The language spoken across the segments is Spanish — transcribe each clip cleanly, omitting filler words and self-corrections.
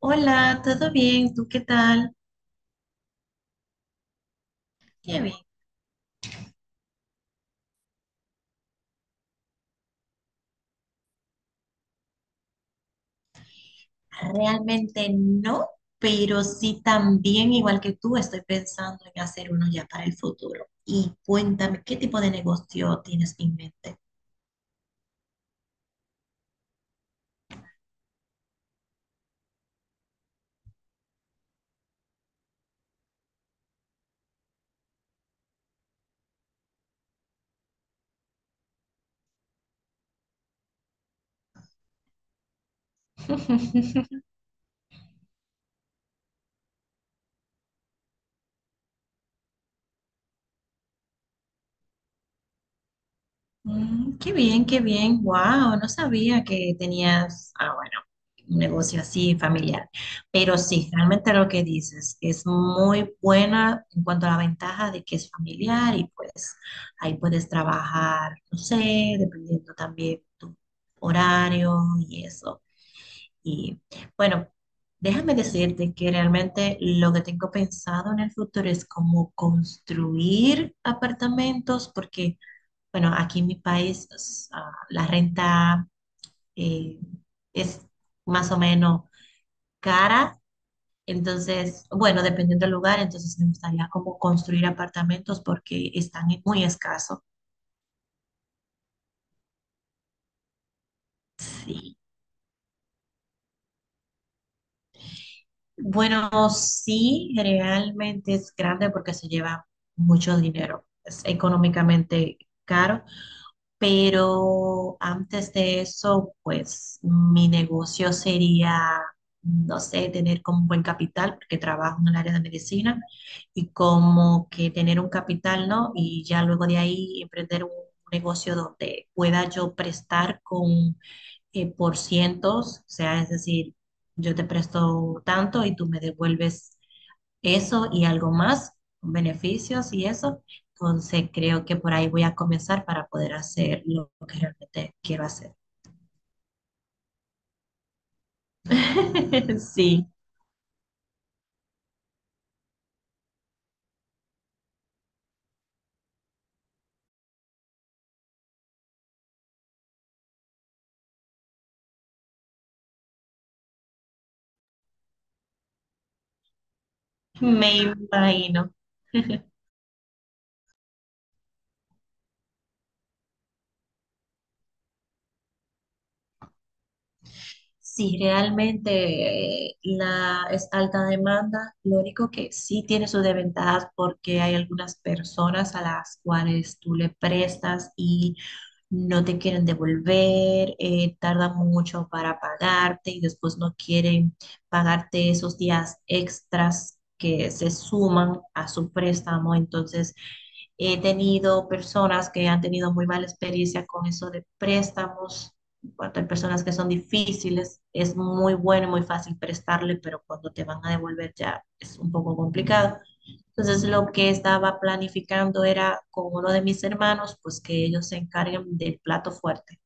Hola, ¿todo bien? ¿Tú qué tal? Qué bien. Realmente no, pero sí también, igual que tú, estoy pensando en hacer uno ya para el futuro. Y cuéntame, ¿qué tipo de negocio tienes en mente? Mm, qué bien, qué bien. Wow, no sabía que tenías, bueno, un negocio así familiar. Pero sí, realmente lo que dices es muy buena en cuanto a la ventaja de que es familiar y pues ahí puedes trabajar, no sé, dependiendo también tu horario y eso. Y bueno, déjame decirte que realmente lo que tengo pensado en el futuro es cómo construir apartamentos porque bueno, aquí en mi país la renta eh, es más o menos cara, entonces, bueno, dependiendo del lugar, entonces me gustaría como construir apartamentos porque muy escasos. Sí. Bueno, sí, realmente es grande porque se lleva mucho dinero. Es económicamente caro. Pero antes de eso, pues mi negocio sería, no sé, tener como un buen capital, porque trabajo en el área de medicina, y como que tener un capital, ¿no? Y ya luego de ahí emprender un negocio donde pueda yo prestar con por cientos, o sea, es decir, yo te presto tanto y tú me devuelves eso y algo más, beneficios y eso. Entonces creo que por ahí voy a comenzar para poder hacer lo que realmente quiero hacer. Sí, me imagino. Sí, realmente es alta demanda, lo único que sí tiene sus desventajas porque hay algunas personas a las cuales tú le prestas y no te quieren devolver, tardan mucho para pagarte y después no quieren pagarte esos días extras que se suman a su préstamo. Entonces, he tenido personas que han tenido muy mala experiencia con eso de préstamos. En cuanto hay personas que son difíciles, muy fácil prestarle, pero cuando te van a devolver ya es un poco complicado. Entonces lo que estaba planificando era con uno de mis hermanos, pues que ellos se encarguen del plato fuerte.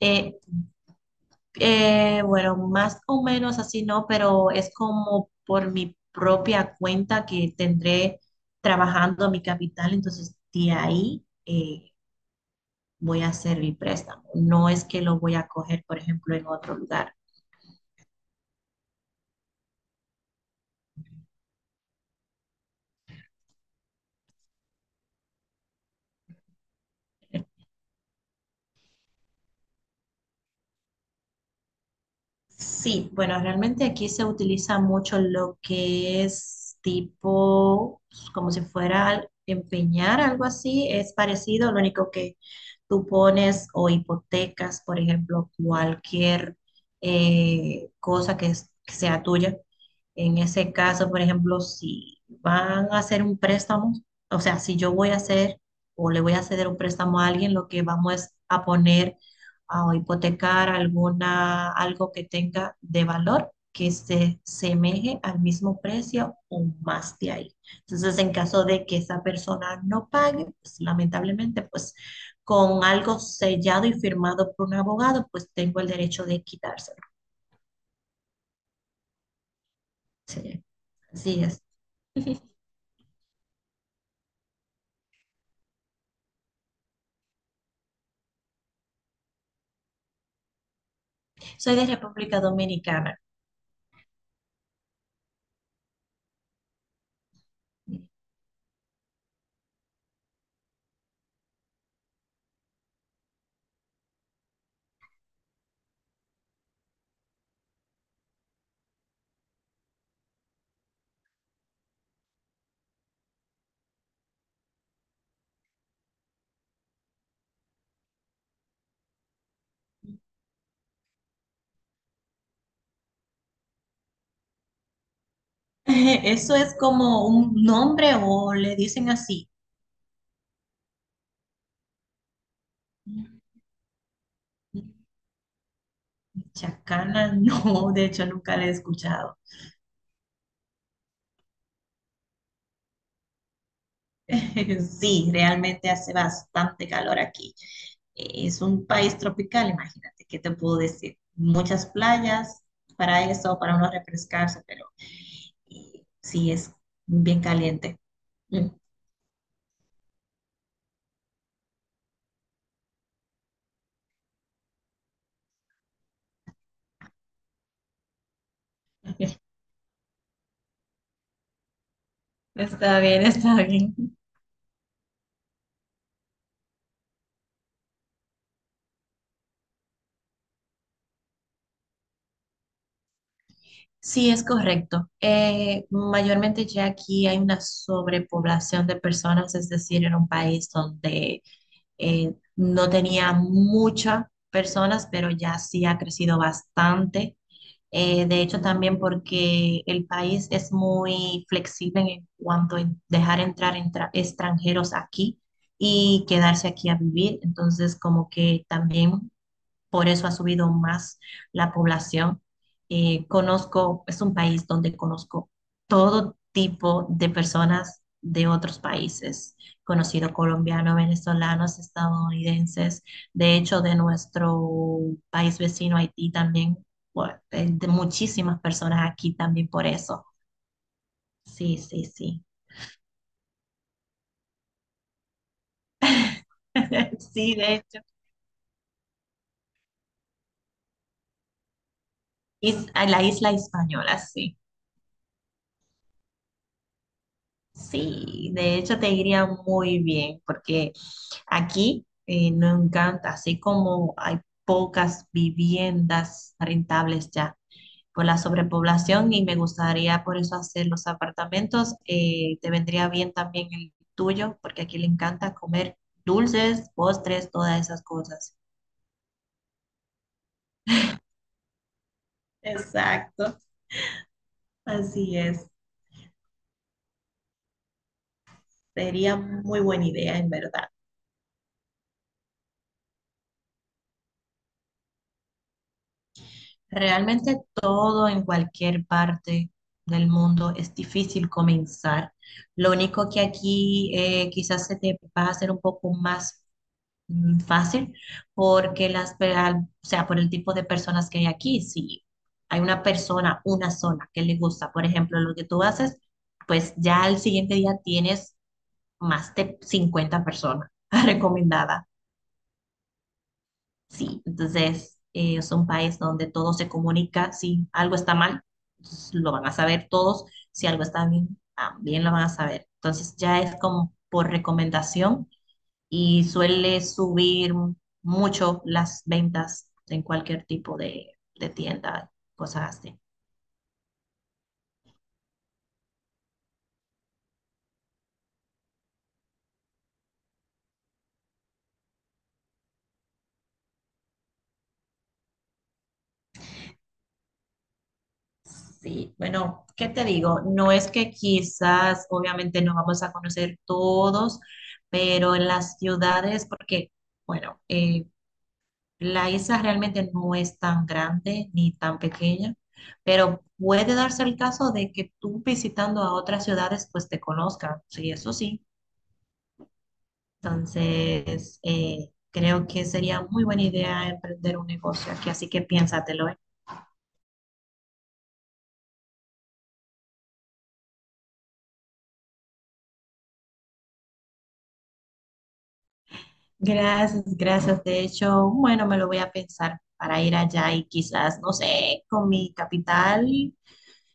Eh, bueno, más o menos así no, pero es como por mi propia cuenta que tendré trabajando mi capital, entonces de ahí voy a hacer mi préstamo. No es que lo voy a coger, por ejemplo, en otro lugar. Sí, bueno, realmente aquí se utiliza mucho lo que es tipo, como si fuera empeñar, algo así, es parecido, lo único que tú pones o hipotecas, por ejemplo, cualquier cosa que sea tuya. En ese caso, por ejemplo, si van a hacer un préstamo, o sea, si yo voy a hacer o le voy a ceder un préstamo a alguien, lo que vamos es a poner o hipotecar algo que tenga de valor que se semeje al mismo precio o más de ahí. Entonces, en caso de que esa persona no pague, pues lamentablemente, pues con algo sellado y firmado por un abogado, pues tengo el derecho de quitárselo. Sí, así es. Soy de República Dominicana. Eso es como un nombre o le dicen así. Chacana, no, de hecho nunca la he escuchado. Sí, realmente hace bastante calor aquí. Es un país tropical, imagínate, ¿qué te puedo decir? Muchas playas para eso, para uno refrescarse, pero y sí es bien caliente. Mm. Está bien, está bien. Sí, es correcto. Mayormente ya aquí hay una sobrepoblación de personas, es decir, era un país donde no tenía muchas personas, pero ya sí ha crecido bastante. De hecho, también porque el país es muy flexible en cuanto a dejar extranjeros aquí y quedarse aquí a vivir. Entonces, como que también por eso ha subido más la población. Es un país donde conozco todo tipo de personas de otros países, conocido colombianos, venezolanos, estadounidenses, de hecho de nuestro país vecino Haití también, bueno, de muchísimas personas aquí también por eso. Sí, sí, sí. Sí, de hecho. A la isla española, sí. Sí, de hecho te iría muy bien, porque aquí no encanta, así como hay pocas viviendas rentables ya por la sobrepoblación y me gustaría por eso hacer los apartamentos, te vendría bien también el tuyo, porque aquí le encanta comer dulces, postres, todas esas cosas. Exacto, así es. Sería muy buena idea, en verdad. Realmente todo en cualquier parte del mundo es difícil comenzar. Lo único que aquí quizás se te va a hacer un poco más mm, fácil porque o sea, por el tipo de personas que hay aquí, si hay una persona, una zona que le gusta, por ejemplo, lo que tú haces, pues ya al siguiente día tienes más de 50 personas recomendadas. Sí, entonces es un país donde todo se comunica. Si algo está mal, entonces lo van a saber todos. Si algo está bien, también lo van a saber. Entonces ya es como por recomendación y suele subir mucho las ventas en cualquier tipo de tienda, cosas así. Sí, bueno, ¿qué te digo? No es que quizás, obviamente, no vamos a conocer todos, pero en las ciudades, porque, bueno, la isla realmente no es tan grande ni tan pequeña, pero puede darse el caso de que tú visitando a otras ciudades pues te conozcan, sí, eso sí. Entonces, creo que sería muy buena idea emprender un negocio aquí, así que piénsatelo, ¿eh? Gracias, gracias. De hecho, bueno, me lo voy a pensar para ir allá y quizás, no sé, con mi capital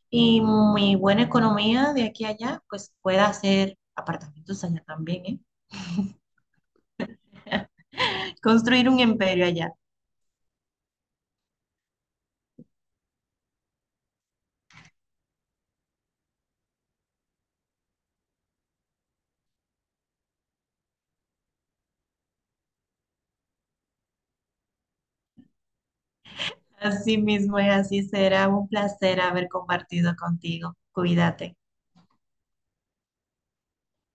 y mi buena economía de aquí a allá, pues pueda hacer apartamentos allá también, ¿eh? Construir un imperio allá. Así mismo es, así será un placer haber compartido contigo. Cuídate.